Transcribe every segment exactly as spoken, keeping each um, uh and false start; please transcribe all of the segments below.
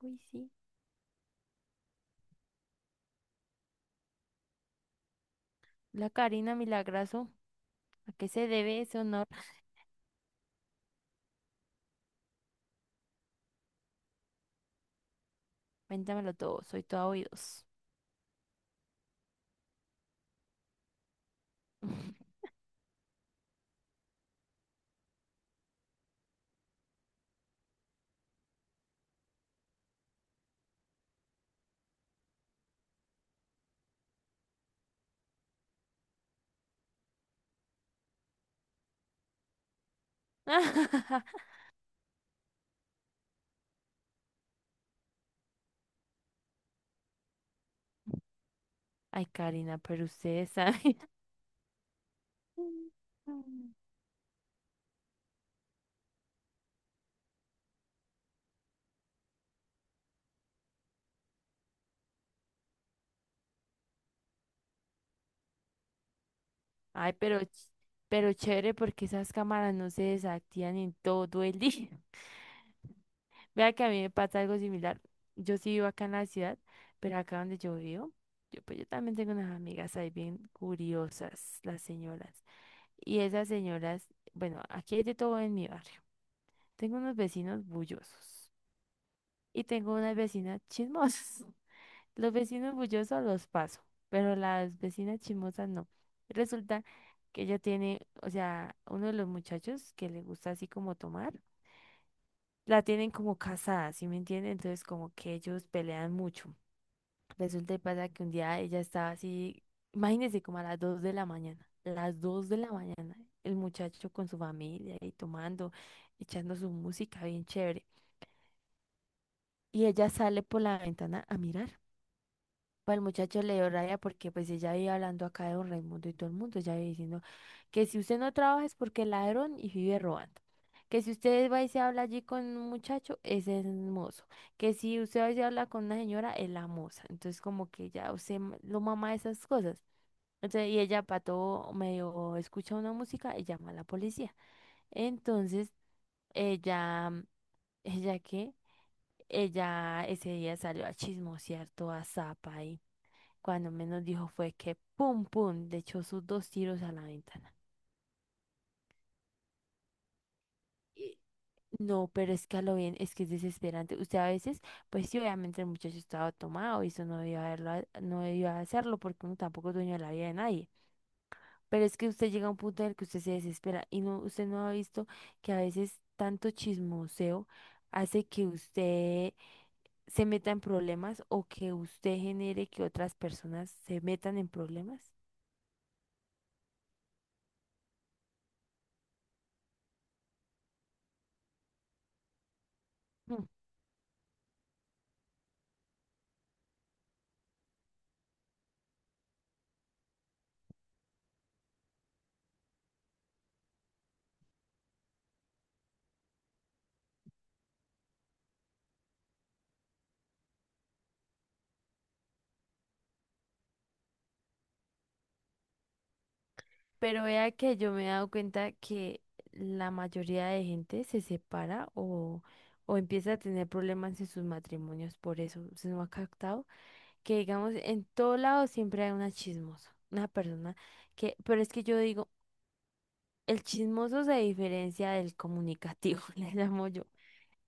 Uy, sí. La Karina Milagrazo. ¿A qué se debe ese honor? Cuéntamelo todo, soy toda oídos. Ay, Karina, pero ustedes saben. Ay, pero, ch- pero chévere porque esas cámaras no se desactivan en todo el día. Vea que a mí me pasa algo similar. Yo sí vivo acá en la ciudad, pero acá donde yo vivo, yo, pues yo también tengo unas amigas ahí bien curiosas, las señoras. Y esas señoras, bueno, aquí hay de todo en mi barrio. Tengo unos vecinos bullosos y tengo unas vecinas chismosas. Los vecinos bullosos los paso, pero las vecinas chismosas no. Resulta que ella tiene, o sea, uno de los muchachos que le gusta así como tomar, la tienen como casada, ¿sí me entienden? Entonces como que ellos pelean mucho. Resulta y pasa que un día ella estaba así, imagínense como a las dos de la mañana, las dos de la mañana, el muchacho con su familia y tomando, echando su música bien chévere. Y ella sale por la ventana a mirar. Pues el muchacho le dio rabia porque pues ella iba hablando acá de don Raimundo y todo el mundo, ella iba diciendo que si usted no trabaja es porque es ladrón y vive robando. Que si usted va y se habla allí con un muchacho, ese es el mozo. Que si usted va y se habla con una señora, es la moza. Entonces como que ya usted m- lo mama de esas cosas. Entonces, y ella para todo medio escucha una música y llama a la policía. Entonces, ella, ¿ella qué? Ella ese día salió a chismosear toda zapa y cuando menos dijo fue que pum pum le echó sus dos tiros a la ventana. Y no, pero es que a lo bien, es que es desesperante. Usted a veces, pues sí, obviamente el muchacho estaba tomado y eso no debió haberlo, ha- no debió hacerlo porque uno tampoco es dueño de la vida de nadie. Pero es que usted llega a un punto en el que usted se desespera y no, usted no ha visto que a veces tanto chismoseo hace que usted se meta en problemas o que usted genere que otras personas se metan en problemas. Mm. Pero vea que yo me he dado cuenta que la mayoría de gente se separa o, o empieza a tener problemas en sus matrimonios por eso. ¿Se nos ha captado? Que digamos, en todo lado siempre hay una chismosa, una persona que, pero es que yo digo, el chismoso se diferencia del comunicativo, le llamo yo.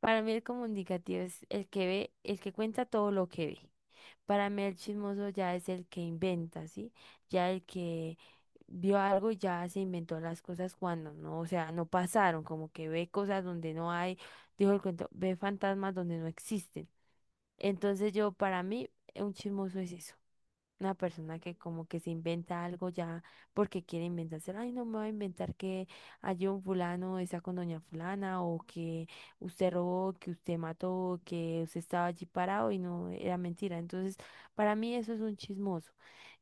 Para mí el comunicativo es el que ve, el que cuenta todo lo que ve. Para mí el chismoso ya es el que inventa, ¿sí? Ya el que vio algo y ya se inventó las cosas cuando no, o sea, no pasaron, como que ve cosas donde no hay, dijo el cuento, ve fantasmas donde no existen. Entonces yo, para mí, un chismoso es eso. Una persona que como que se inventa algo ya porque quiere inventarse, ay, no me voy a inventar que hay un fulano está con doña fulana o que usted robó, que usted mató, que usted estaba allí parado y no era mentira. Entonces, para mí eso es un chismoso.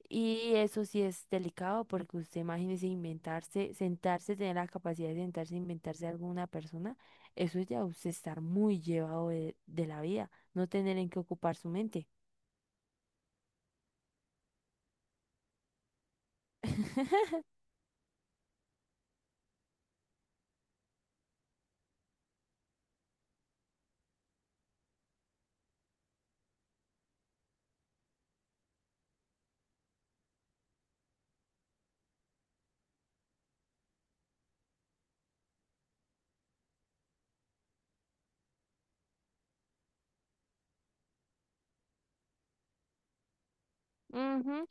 Y eso sí es delicado porque usted imagínese inventarse, sentarse, tener la capacidad de sentarse, e inventarse alguna persona, eso es ya usted estar muy llevado de, de la vida, no tener en qué ocupar su mente. Ujú.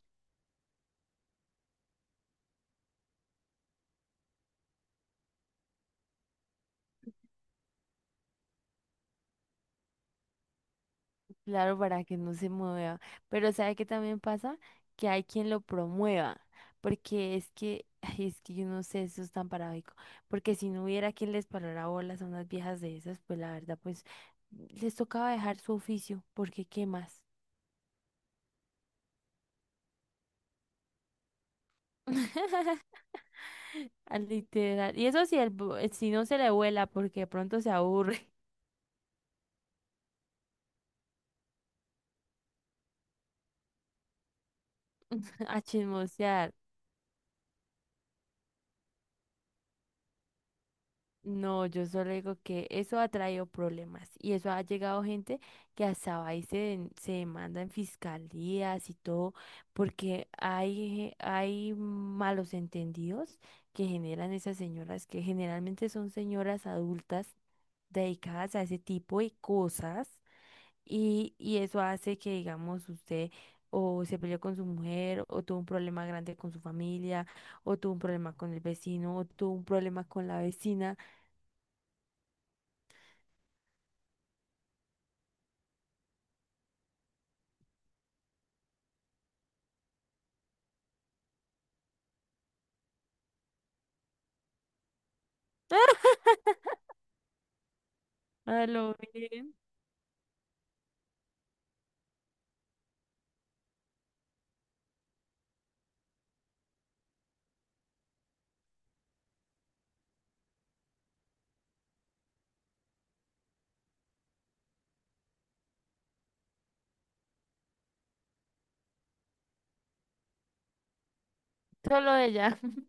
Claro, para que no se mueva. Pero ¿sabe qué también pasa? Que hay quien lo promueva. Porque es que, ay, es que yo no sé, eso es tan paradójico. Porque si no hubiera quien les parara bolas a unas viejas de esas, pues la verdad, pues les tocaba dejar su oficio, porque ¿qué más? Al literal. Y eso si, el, bu- si no se le vuela, porque de pronto se aburre a chismosear. No, yo solo digo que eso ha traído problemas y eso ha llegado gente que hasta va y se, den- se demanda en fiscalías y todo, porque hay, hay malos entendidos que generan esas señoras, que generalmente son señoras adultas dedicadas a ese tipo de cosas y, y eso hace que, digamos, usted o se peleó con su mujer o tuvo un problema grande con su familia o tuvo un problema con el vecino o tuvo un problema con la vecina a lo bien. Solo ella.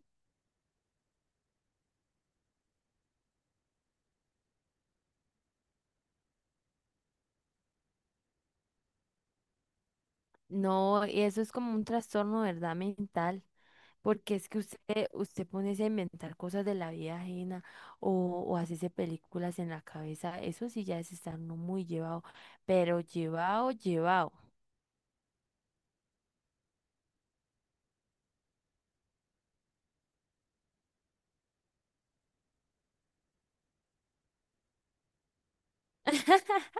No, y eso es como un trastorno, ¿verdad? Mental, porque es que usted, usted pone a inventar cosas de la vida ajena o, o hacerse películas en la cabeza, eso sí ya es estar no muy llevado, pero llevado, llevado.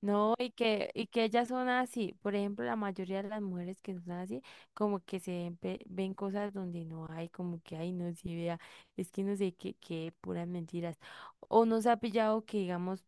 No, y que, y que ellas son así. Por ejemplo, la mayoría de las mujeres que son así, como que se ven, pe- ven cosas donde no hay, como que ay, no se vea, es que no sé qué, qué puras mentiras. O no se ha pillado que digamos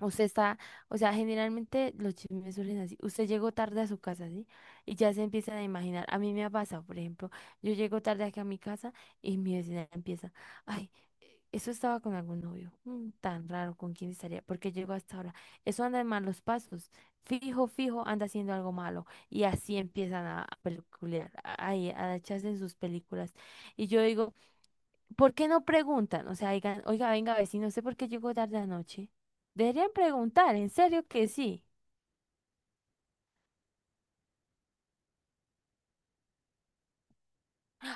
usted está, o sea, generalmente los chismes surgen así. Usted llegó tarde a su casa, ¿sí? Y ya se empiezan a imaginar. A mí me ha pasado, por ejemplo, yo llego tarde aquí a mi casa y mi vecina empieza, ay, eh, eso estaba con algún novio, mm, tan raro, ¿con quién estaría? Porque llegó hasta ahora. Eso anda en malos pasos. Fijo, fijo, anda haciendo algo malo. Y así empiezan a, a peliculear, a, a echarse en sus películas. Y yo digo, ¿por qué no preguntan? O sea, digan, oiga, venga, vecino, ¿usted por qué llegó tarde anoche? Deberían preguntar, en serio que sí.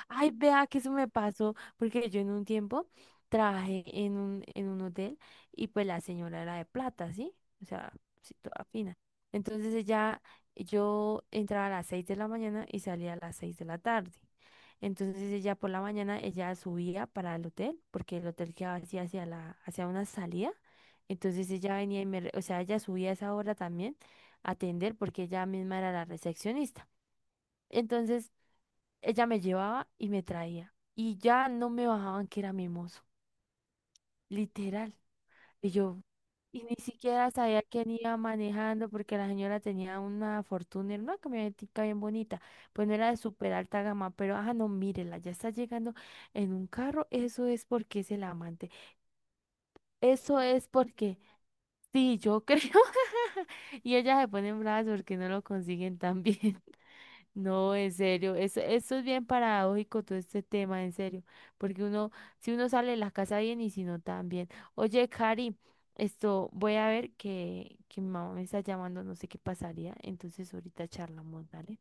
Ay, vea que eso me pasó, porque yo en un tiempo trabajé en un, en un hotel y pues la señora era de plata, ¿sí? O sea, sí, toda fina. Entonces ella, yo entraba a las seis de la mañana y salía a las seis de la tarde. Entonces ella por la mañana, ella subía para el hotel, porque el hotel quedaba así hacia la, hacia una salida. Entonces ella venía y me, re- o sea, ella subía a esa hora también a atender porque ella misma era la recepcionista. Entonces ella me llevaba y me traía. Y ya no me bajaban que era mimoso, literal. Y yo, y ni siquiera sabía quién iba manejando porque la señora tenía una Fortuner, una camionetica bien bonita. Pues no era de súper alta gama, pero ajá, no, mírela, ya está llegando en un carro. Eso es porque es el amante. Eso es porque, sí, yo creo. Y ella se pone en brazos porque no lo consiguen tan bien. No, en serio, eso, eso es bien paradójico todo este tema, en serio, porque uno, si uno sale de la casa bien y si no también. Oye, Cari, esto, voy a ver que, que mi mamá me está llamando, no sé qué pasaría, entonces ahorita charlamos, ¿vale?